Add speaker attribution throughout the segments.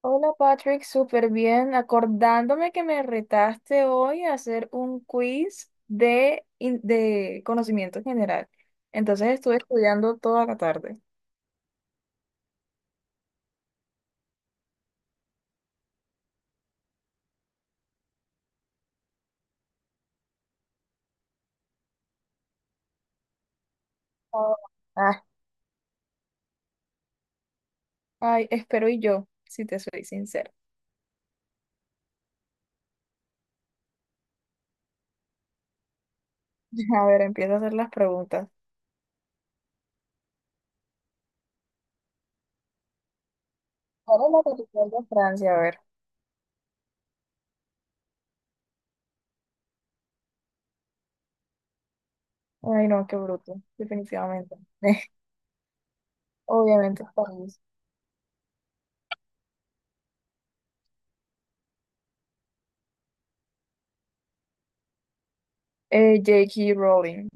Speaker 1: Hola Patrick, súper bien. Acordándome que me retaste hoy a hacer un quiz de conocimiento general. Entonces estuve estudiando toda la tarde. Oh, ah, ay, espero y yo, si te soy sincera. A ver, empiezo a hacer las preguntas. ¿Cuál es la capital de Francia? A ver. Ay, no, qué bruto. Definitivamente. Obviamente, París. J.K. Rowling.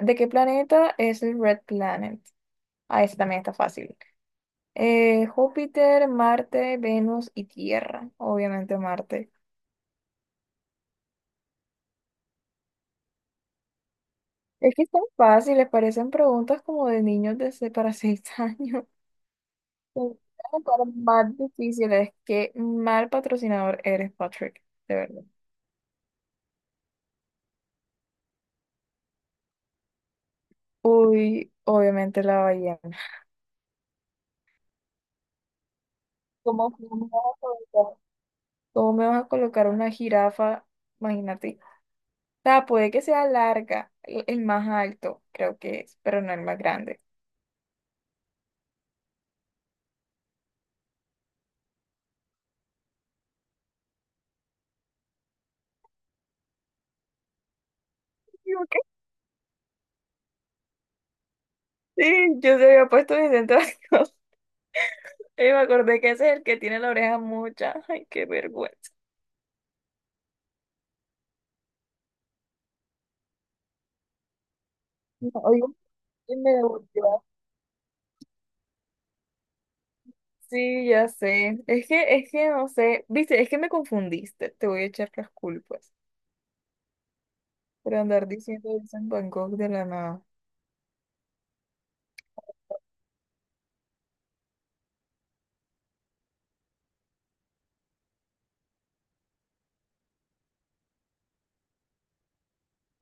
Speaker 1: ¿De qué planeta es el Red Planet? Ah, ese también está fácil. Júpiter, Marte, Venus y Tierra. Obviamente Marte. Es que están fáciles, parecen preguntas como de niños para 6 años. Para más difíciles. Qué mal patrocinador eres, Patrick. De verdad. Uy, obviamente la ballena. ¿Cómo, cómo me vas a colocar cómo me vas a colocar una jirafa? Imagínate. O sea, puede que sea larga, el más alto, creo que es, pero no el más grande. Sí, yo se había puesto mis tentáculos. Y me acordé que ese es el que tiene la oreja mucha. Ay, qué vergüenza. No, oye, y me devolvió. Sí, ya sé. Es que no sé. Viste, es que me confundiste. Te voy a echar las culpas por andar diciendo eso en Bangkok de la nada.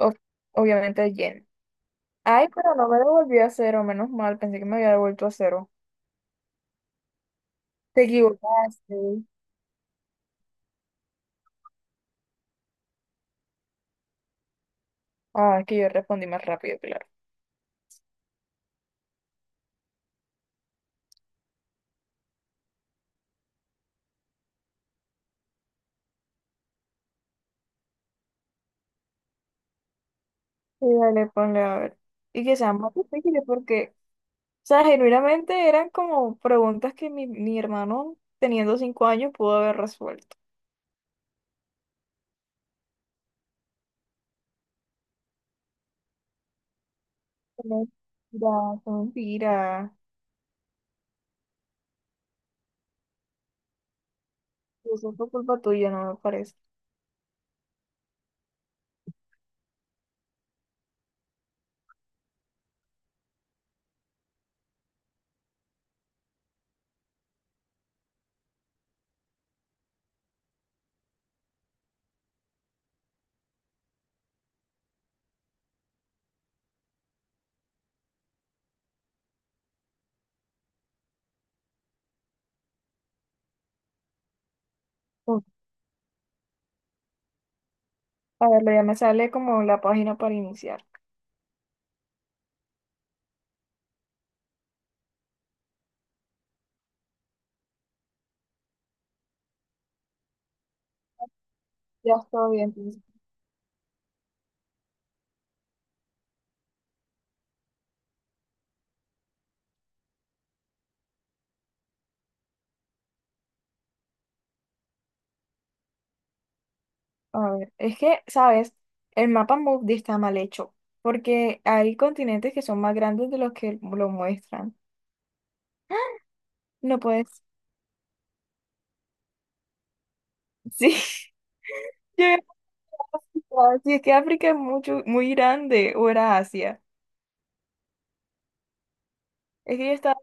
Speaker 1: Ob- obviamente a yen. Ay, pero no me devolvió a cero, menos mal. Pensé que me había devuelto a cero. Te equivocaste. Ah, es que yo respondí más rápido, claro. Sí, dale, ponle a ver. Y que sea más difícil porque, o sea, genuinamente eran como preguntas que mi hermano, teniendo 5 años, pudo haber resuelto. Mentira, son mentiras. Eso fue culpa tuya, no me parece. Uf, a ver, ya me sale como la página para iniciar. Ya está bien, entonces. A ver, es que, ¿sabes? El mapa mundi está mal hecho, porque hay continentes que son más grandes de los que lo muestran. No puedes. Sí, yo iba a África, sí, es que África es mucho, muy grande, o era Asia. Es que yo estaba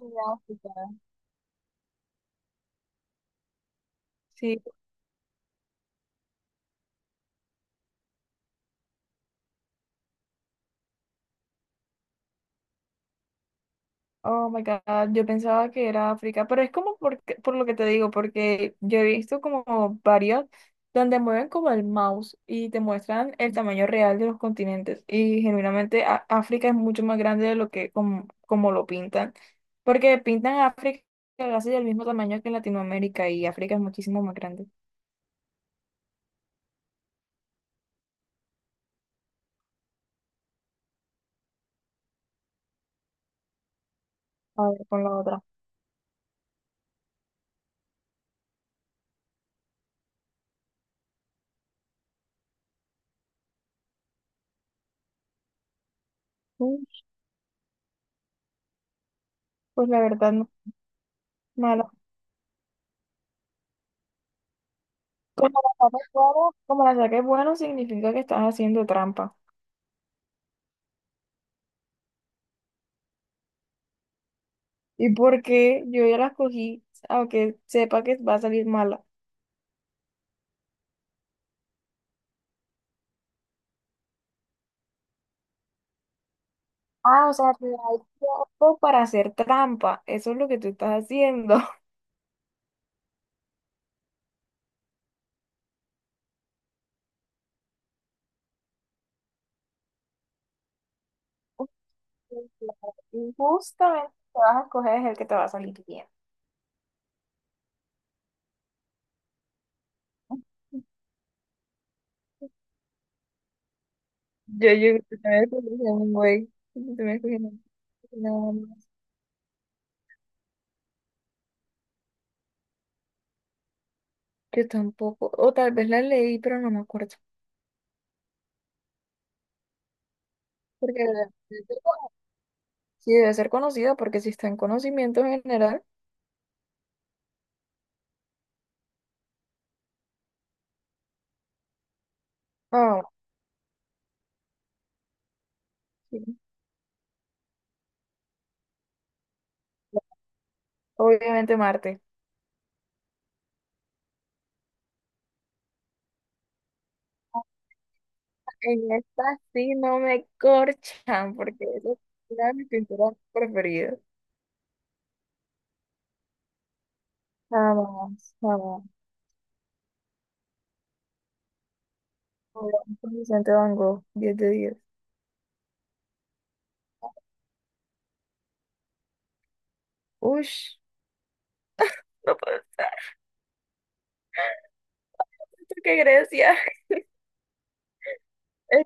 Speaker 1: en África. Sí, oh my God, yo pensaba que era África, pero es como por lo que te digo, porque yo he visto como varios donde mueven como el mouse y te muestran el tamaño real de los continentes y genuinamente África es mucho más grande de lo que como lo pintan, porque pintan a África casi del mismo tamaño que Latinoamérica y África es muchísimo más grande. A ver, con la otra. Mm, Pues la verdad, no. Como la saques bueno, como la saques bueno, significa que estás haciendo trampa. ¿Y por qué yo ya las cogí, aunque sepa que va a salir mala? Ah, o sea, que hay tiempo para hacer trampa. Eso es lo que tú estás haciendo. Ok, claro. Y justamente el que vas a escoger es el que te va a salir bien. Yo también escogí un güey. Yo también nada más. Yo tampoco. O tal vez la leí, pero no me acuerdo. Porque debe ser conocida, sí debe ser conocida, porque si está en conocimiento general. Oh, sí, obviamente Marte. En esta sí no me corchan, porque esa era mi pintura preferida. Jamás, jamás. Con Vicente Van Gogh, 10 de diez. Ush, no puedo estar. ¿Por qué Grecia? Eh,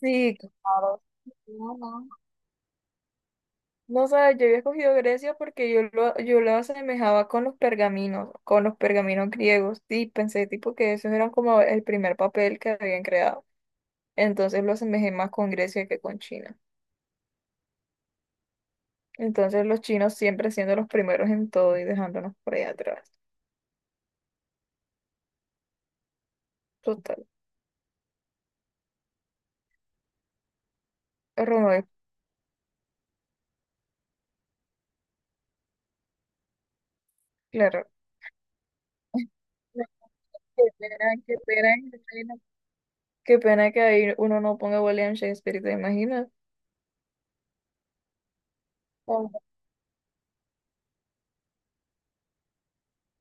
Speaker 1: Sí, claro. No, no. No, sabes, yo había escogido Grecia porque yo lo asemejaba con los pergaminos, griegos. Sí, pensé tipo que esos eran como el primer papel que habían creado. Entonces lo asemejé más con Grecia que con China. Entonces los chinos siempre siendo los primeros en todo y dejándonos por ahí atrás. Total. Romeo, claro. No, qué pena, qué pena, qué pena. Qué pena que ahí uno no ponga William Shakespeare, ¿te imaginas? Oh,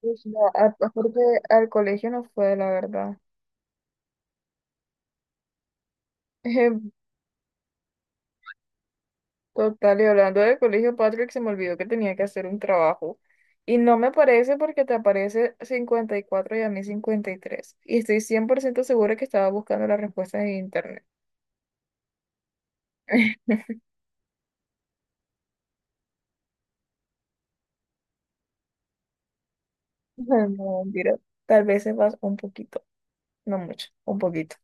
Speaker 1: pues no, aparte al colegio no fue, la verdad. Total, y hablando del colegio, Patrick, se me olvidó que tenía que hacer un trabajo. Y no me parece porque te aparece 54 y a mí 53 y estoy 100% segura que estaba buscando las respuestas en internet. No, mentira. Tal vez sepas un poquito, no mucho, un poquito.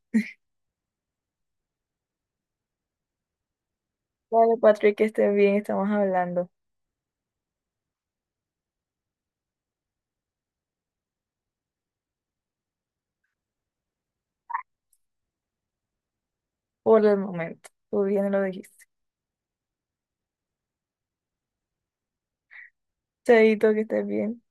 Speaker 1: Vale, Patrick, que estés bien, estamos hablando por el momento. Tú bien lo dijiste. Chaito, que estés bien.